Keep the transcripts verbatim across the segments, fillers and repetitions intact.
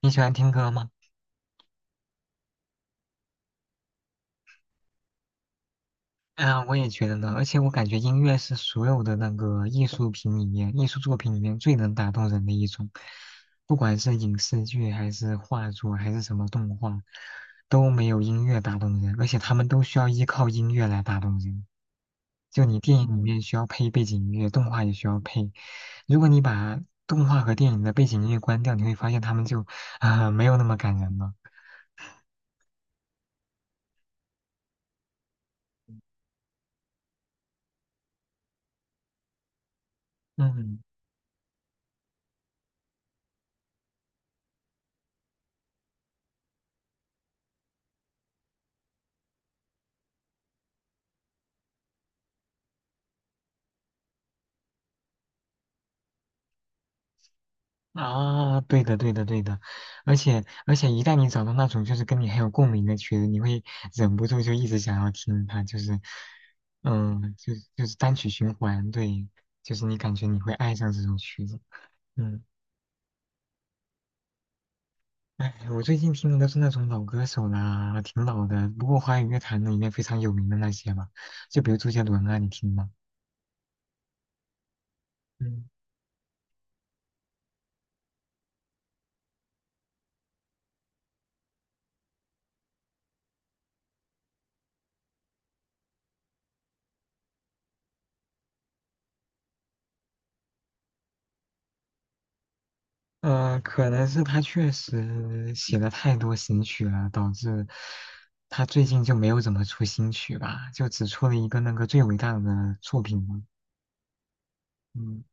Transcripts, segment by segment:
你喜欢听歌吗？嗯，我也觉得呢。而且我感觉音乐是所有的那个艺术品里面、艺术作品里面最能打动人的一种，不管是影视剧还是画作还是什么动画，都没有音乐打动人。而且他们都需要依靠音乐来打动人。就你电影里嗯面需要配背景音乐，动画也需要配。如果你把动画和电影的背景音乐关掉，你会发现他们就啊、没有那么感人了。嗯。啊，对的，对的，对的，而且而且，一旦你找到那种就是跟你很有共鸣的曲子，你会忍不住就一直想要听它，就是，嗯，就就是单曲循环，对，就是你感觉你会爱上这种曲子。嗯。哎，我最近听的都是那种老歌手啦，挺老的，不过华语乐坛呢里面非常有名的那些吧，就比如周杰伦啊，你听吗？嗯呃，可能是他确实写了太多新曲了，导致他最近就没有怎么出新曲吧，就只出了一个那个最伟大的作品了。嗯，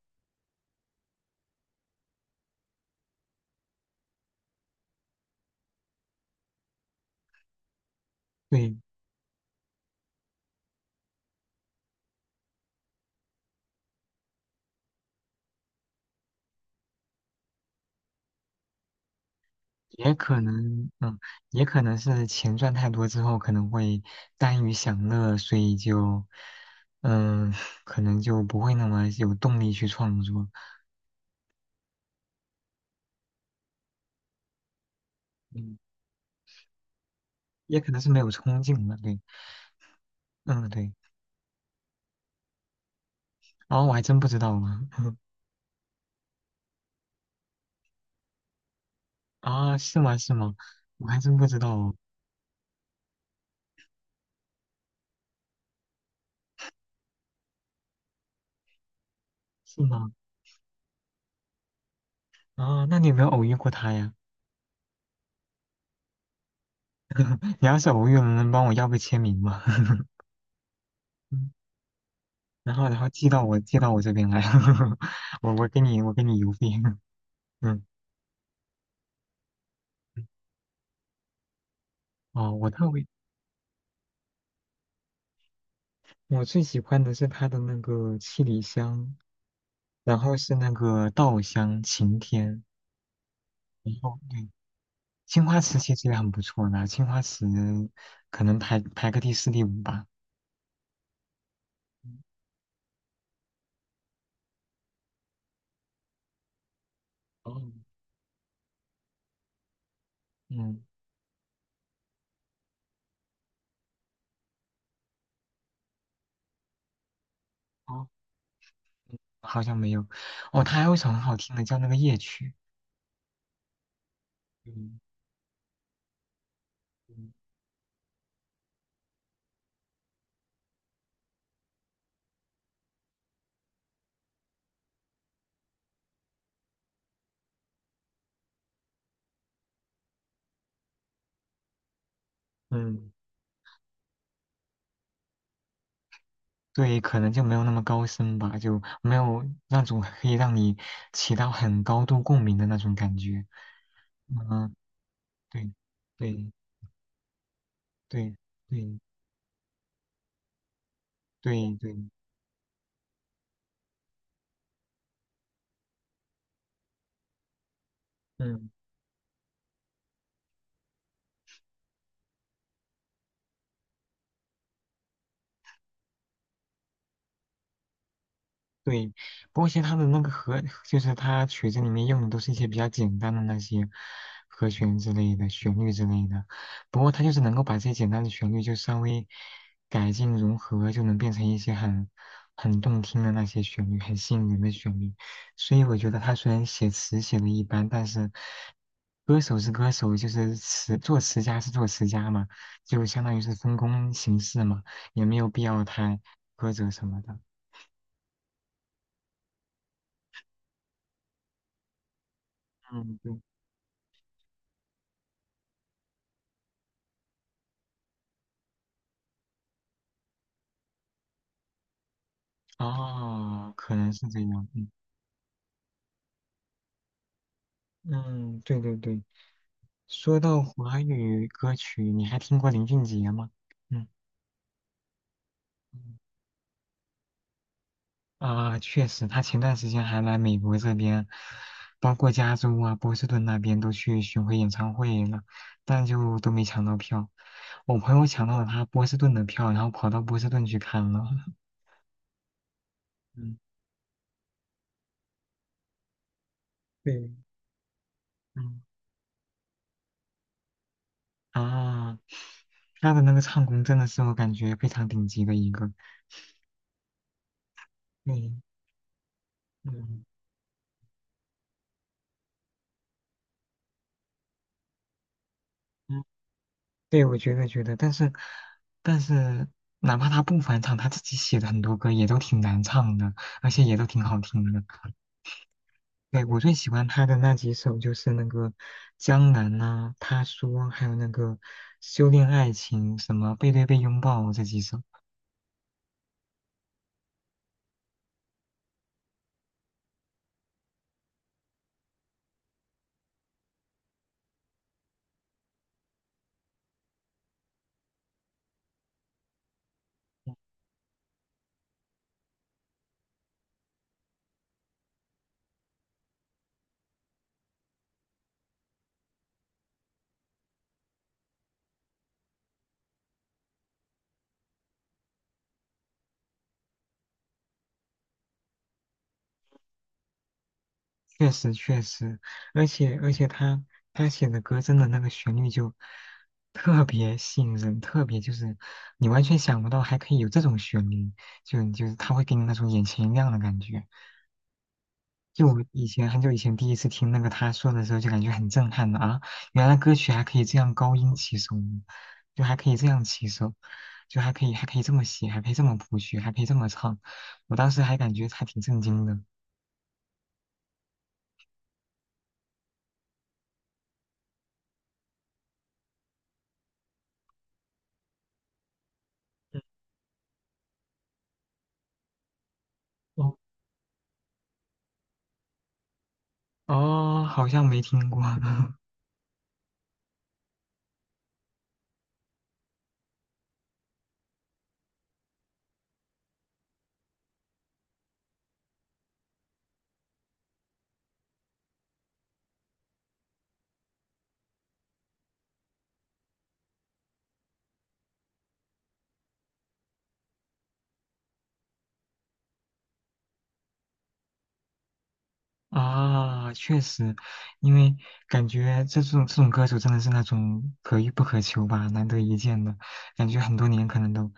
对，也可能，嗯，也可能是钱赚太多之后，可能会耽于享乐，所以就，嗯，可能就不会那么有动力去创作。嗯，也可能是没有冲劲了。对，嗯，对。然后我还真不知道呢。啊，是吗？是吗？我还真不知道哦。是吗？啊、那你有没有偶遇过他呀？你要是偶遇了，能帮我要个签名吗？嗯。然后，然后寄到我寄到我这边来。我我给你我给你邮费。嗯。哦，我特别我最喜欢的是他的那个七里香，然后是那个稻香、晴天，然后对，青花瓷其实也很不错的，青花瓷可能排排个第四第五吧。嗯。哦，嗯，哦，好像没有。哦，他还有一首很好听的叫那个夜曲。嗯。嗯。嗯。对，可能就没有那么高深吧，就没有那种可以让你起到很高度共鸣的那种感觉。嗯，对，对，对，对，对，对，嗯。对，不过其实它的那个和，就是它曲子里面用的都是一些比较简单的那些和弦之类的、旋律之类的。不过它就是能够把这些简单的旋律就稍微改进融合，就能变成一些很很动听的那些旋律，很吸引人的旋律。所以我觉得他虽然写词写的一般，但是歌手是歌手，就是词作词家是作词家嘛，就相当于是分工形式嘛，也没有必要太苛责什么的。嗯，对。哦，可能是这样。嗯。嗯，对对对。说到华语歌曲，你还听过林俊杰吗？嗯。嗯。啊，确实，他前段时间还来美国这边，包括加州啊、波士顿那边都去巡回演唱会了，但就都没抢到票。我朋友抢到了他波士顿的票，然后跑到波士顿去看了。嗯，对，嗯。啊，他的那个唱功真的是我感觉非常顶级的一个。对，嗯。对，我觉得觉得，但是但是，哪怕他不返场，他自己写的很多歌也都挺难唱的，而且也都挺好听的。对，我最喜欢他的那几首就是那个《江南》呐，《他说》，还有那个《修炼爱情》，什么《背对背拥抱》这几首。确实确实，而且而且他他写的歌真的那个旋律就特别吸引人，特别就是你完全想不到还可以有这种旋律，就就是他会给你那种眼前一亮的感觉。就我以前很久以前第一次听那个他说的时候，就感觉很震撼的啊，原来歌曲还可以这样高音起手，就还可以这样起手，就还可以还可以这么写，还可以这么谱曲，还可以这么唱，我当时还感觉还挺震惊的。哦，哦，好像没听过。啊，确实，因为感觉这种这种歌手真的是那种可遇不可求吧，难得一见的，感觉很多年可能都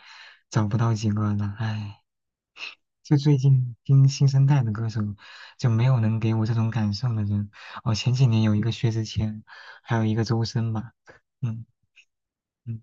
找不到几个了。唉，就最近听新生代的歌手，就没有能给我这种感受的人。哦，前几年有一个薛之谦，还有一个周深吧。嗯。嗯，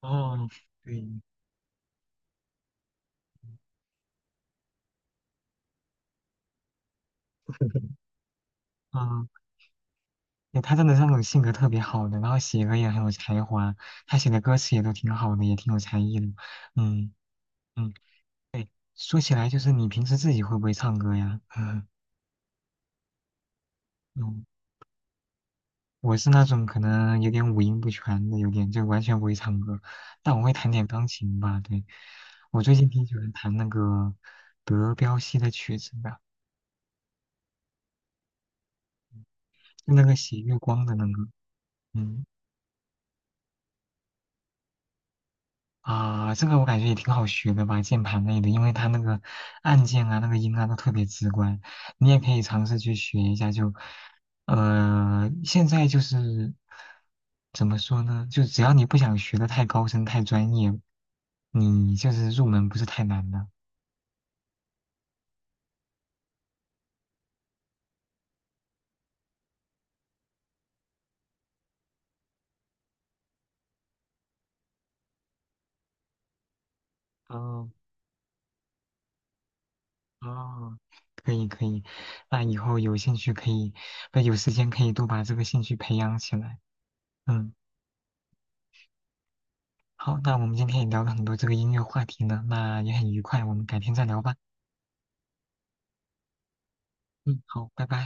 哦，对。嗯，对他真的是那种性格特别好的，然后写歌也很有才华，他写的歌词也都挺好的，也挺有才艺的。嗯。嗯。对，说起来就是你平时自己会不会唱歌呀？嗯，我是那种可能有点五音不全的，有点就完全不会唱歌，但我会弹点钢琴吧。对，我最近挺喜欢弹那个德彪西的曲子的，就那个写月光的那个。嗯。啊，这个我感觉也挺好学的吧，键盘类的，因为它那个按键啊、那个音啊都特别直观，你也可以尝试去学一下就。呃，现在就是怎么说呢？就只要你不想学的太高深、太专业，你就是入门不是太难的。哦。哦，可以可以，那以后有兴趣可以，不有时间可以多把这个兴趣培养起来。嗯。好，那我们今天也聊了很多这个音乐话题呢，那也很愉快，我们改天再聊吧。嗯，好，拜拜。